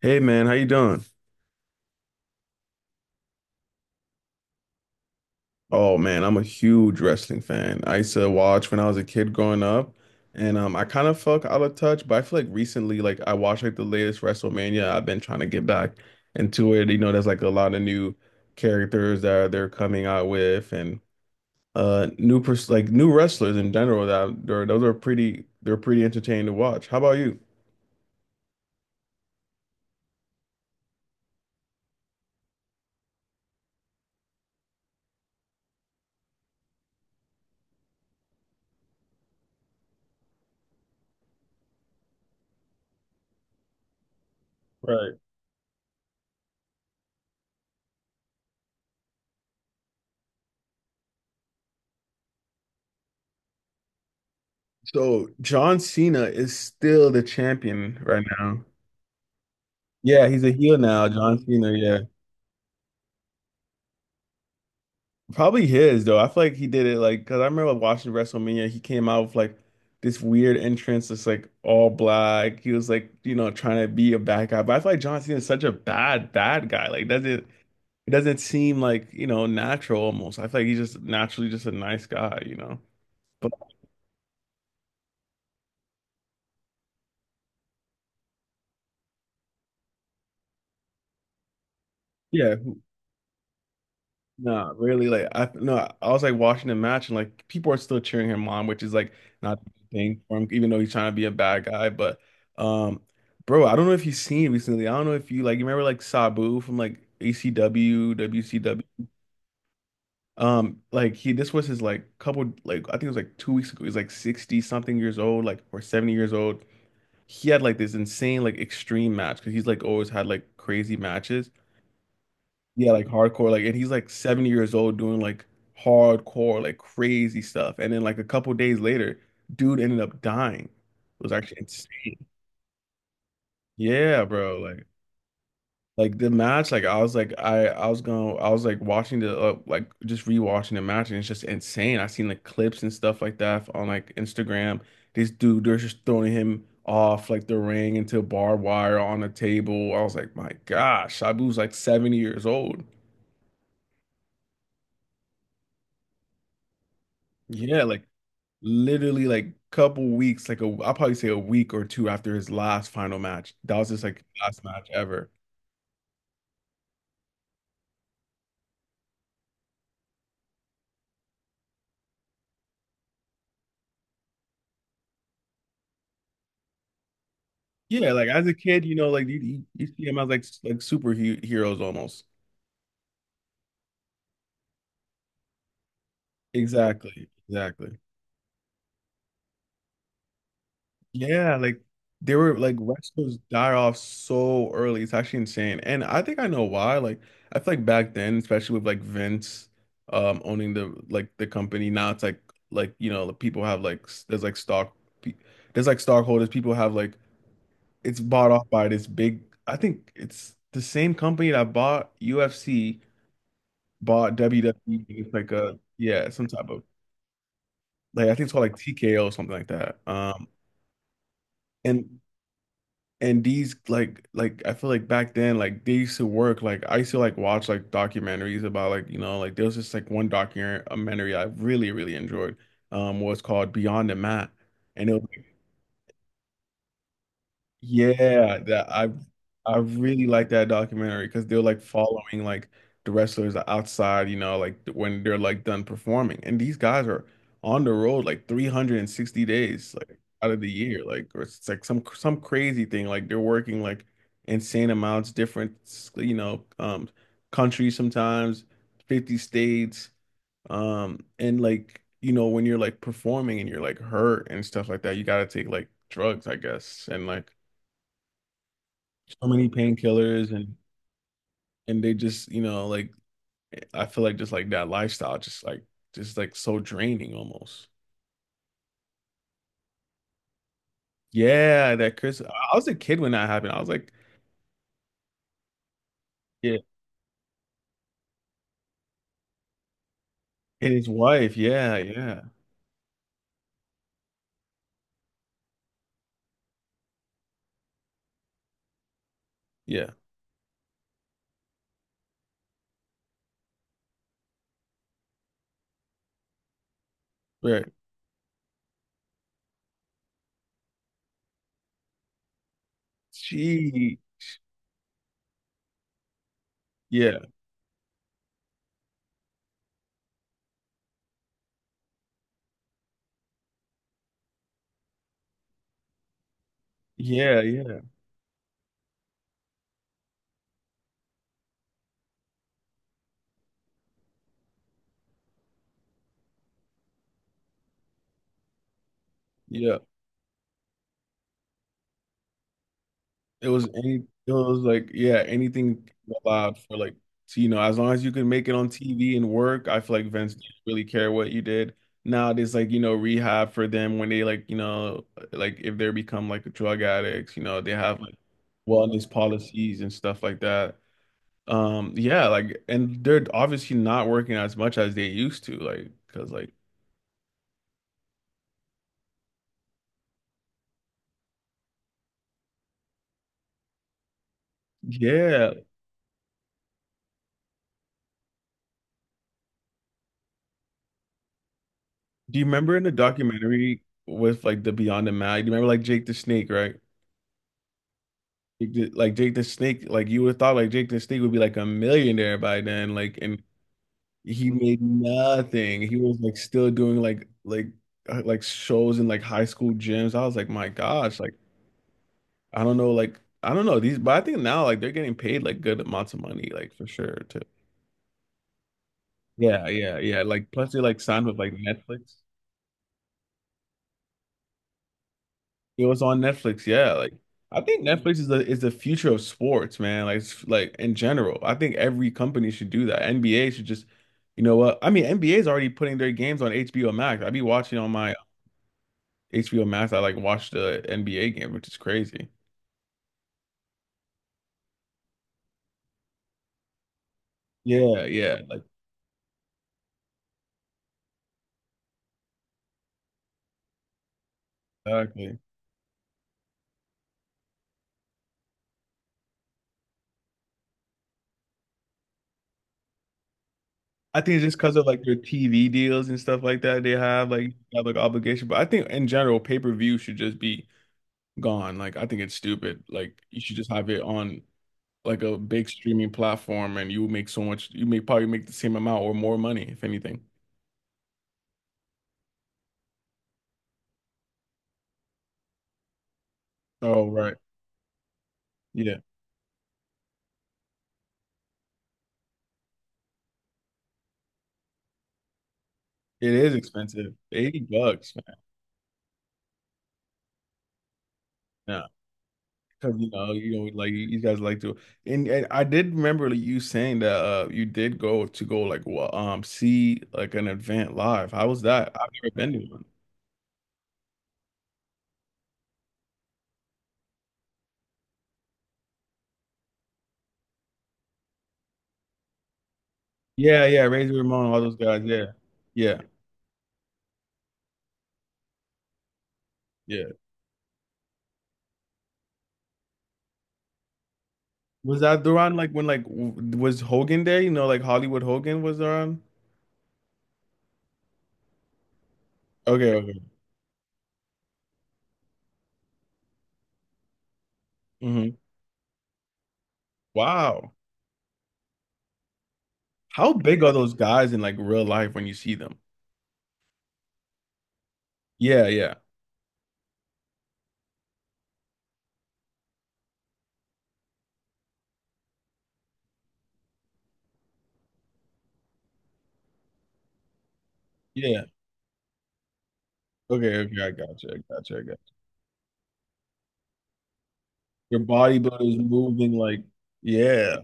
Hey man, how you doing? Oh man, I'm a huge wrestling fan. I used to watch when I was a kid growing up, and I kind of felt out of touch, but I feel like recently, like I watched like the latest WrestleMania. I've been trying to get back into it. You know, there's like a lot of new characters that they're coming out with, and new pers like new wrestlers in general. That they're, those are pretty, they're pretty entertaining to watch. How about you? Right. So John Cena is still the champion right now. Yeah, he's a heel now, John Cena. Yeah. Probably his though. I feel like he did it like because I remember watching WrestleMania. He came out with like this weird entrance, that's like all black. He was like you know trying to be a bad guy, but I feel like John Cena is such a bad bad guy. Like doesn't it doesn't seem like you know natural almost. I feel like he's just naturally just a nice guy, you know. But yeah. No, really, like I no, I was like watching the match and like people are still cheering him on, which is like not the thing for him, even though he's trying to be a bad guy. But um, bro, I don't know if you've seen recently. I don't know if you remember like Sabu from like ACW, WCW. Like he this was his like couple like I think it was like 2 weeks ago. He's like 60 something years old, like or 70 years old. He had like this insane like extreme match because he's like always had like crazy matches. Yeah, like hardcore, like, and he's like 70 years old doing like hardcore, like crazy stuff. And then like a couple days later, dude ended up dying. It was actually insane. Yeah, bro. Like the match, like I was going, I was like watching the like just rewatching the match, and it's just insane. I seen like clips and stuff like that on like Instagram. This dude, they're just throwing him off like the ring into barbed wire on a table. I was like, my gosh, Sabu's like 70 years old. Yeah, like literally like couple weeks, like a I'll probably say a week or two after his last final match. That was just like his last match ever. Yeah, like as a kid, you know, like you see him as like like superheroes almost. Exactly, exactly. Yeah, like they were like wrestlers die off so early. It's actually insane, and I think I know why. Like I feel like back then, especially with like Vince, owning the company. Now it's like you know the people have like there's like stock. pe- There's like stockholders. People have like it's bought off by this big, I think it's the same company that bought UFC, bought WWE. It's like a, yeah, some type of, like, I think it's called like TKO or something like that. And, and these like I feel like back then like they used to work like I used to like watch like documentaries about like you know like there was just like one documentary I really really enjoyed was called Beyond the Mat, and it was. Yeah, that I really like that documentary because they're like following like the wrestlers outside, you know, like when they're like done performing. And these guys are on the road like 360 days like out of the year. Like or it's like some crazy thing. Like they're working like insane amounts, different you know, countries sometimes, 50 states. And like you know when you're like performing and you're like hurt and stuff like that, you gotta take like drugs, I guess. And like so many painkillers and they just you know like I feel like just like that lifestyle just like so draining almost. Yeah, that Chris. I was a kid when that happened. I was like, yeah, and his wife. Yeah, yeah, yeah. Right. She. Yeah, yeah, yeah, yeah. It was it was like, yeah, anything allowed for like, so, you know, as long as you can make it on TV and work, I feel like Vince didn't really care what you did. Now there's like, you know, rehab for them when they like, you know, like if they become like drug addicts, you know, they have like wellness policies and stuff like that. Yeah, like, and they're obviously not working as much as they used to, like, because like, yeah. Do you remember in the documentary with like the Beyond the Mat? Do you remember like Jake the Snake, right? Like Jake the Snake, like you would have thought like Jake the Snake would be like a millionaire by then, like and he made nothing. He was like still doing like shows in like high school gyms. I was like, my gosh, like I don't know, like I don't know these, but I think now like they're getting paid like good amounts of money, like for sure too. Yeah, yeah, yeah. Like plus they like signed with like Netflix. It was on Netflix, yeah. Like I think Netflix is the future of sports, man. Like like in general, I think every company should do that. NBA should just, you know what? I mean, NBA is already putting their games on HBO Max. I be watching on my HBO Max. I like watch the NBA game, which is crazy. Yeah, yeah, like exactly. I think it's just because of like their TV deals and stuff like that they have like obligation. But I think in general, pay-per-view should just be gone. Like I think it's stupid. Like you should just have it on like a big streaming platform and you make so much you may probably make the same amount or more money if anything. Oh, right. Yeah. It is expensive. $80, man. Yeah. Because you know, like you guys like to and I did remember like, you saying that you did go to go like well, see like an event live. How was that? I've never been to one. Yeah, yeah, Razor Ramon, all those guys, yeah. Yeah, yeah. Was that around like when like was Hogan there? You know, like Hollywood Hogan was around? Okay, okay. Hmm. Wow. How big are those guys in like real life when you see them? Yeah, yeah, yeah. Okay, okay, I gotcha, I gotcha, I gotcha. Your bodybuilders moving like, yeah.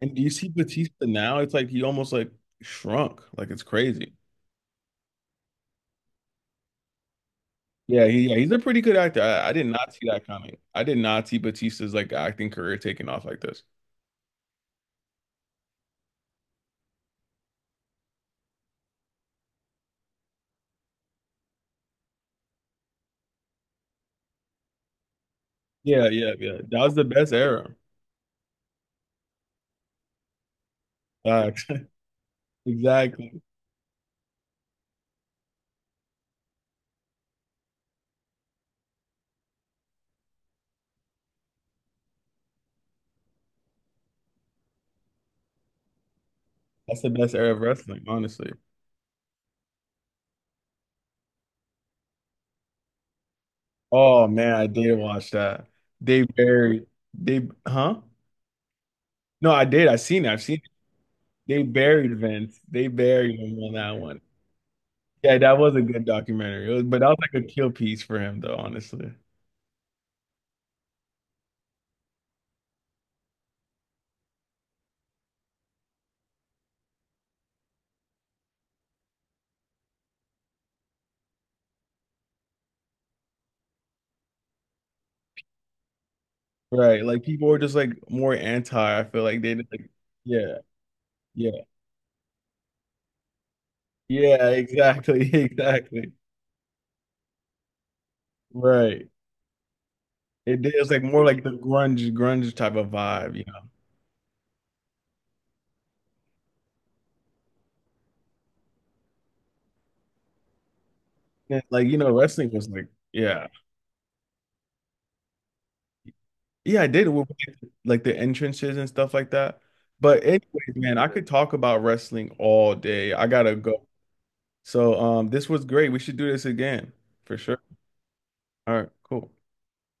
And do you see Batista now? It's like he almost like shrunk. Like it's crazy. Yeah, he, yeah, he's a pretty good actor. I did not see that coming. I did not see Batista's like acting career taking off like this. Yeah, yeah, yeah. That was the best era. Facts. Exactly. That's the best era of wrestling, honestly. Oh man, I did watch that. They buried they huh? No, I did. I seen it. I've seen it. They buried Vince. They buried him on that one. Yeah, that was a good documentary. It but that was like a kill piece for him, though, honestly. Right. Like people were just like more anti. I feel like they did like, yeah, yeah, yeah, exactly, exactly. Right. It did. It was like more like the grunge, grunge type of vibe, you know. And, like, you know, wrestling was like, yeah. Yeah, I did with like, the entrances and stuff like that. But anyways, man, I could talk about wrestling all day. I gotta go. So this was great. We should do this again for sure. All right, cool.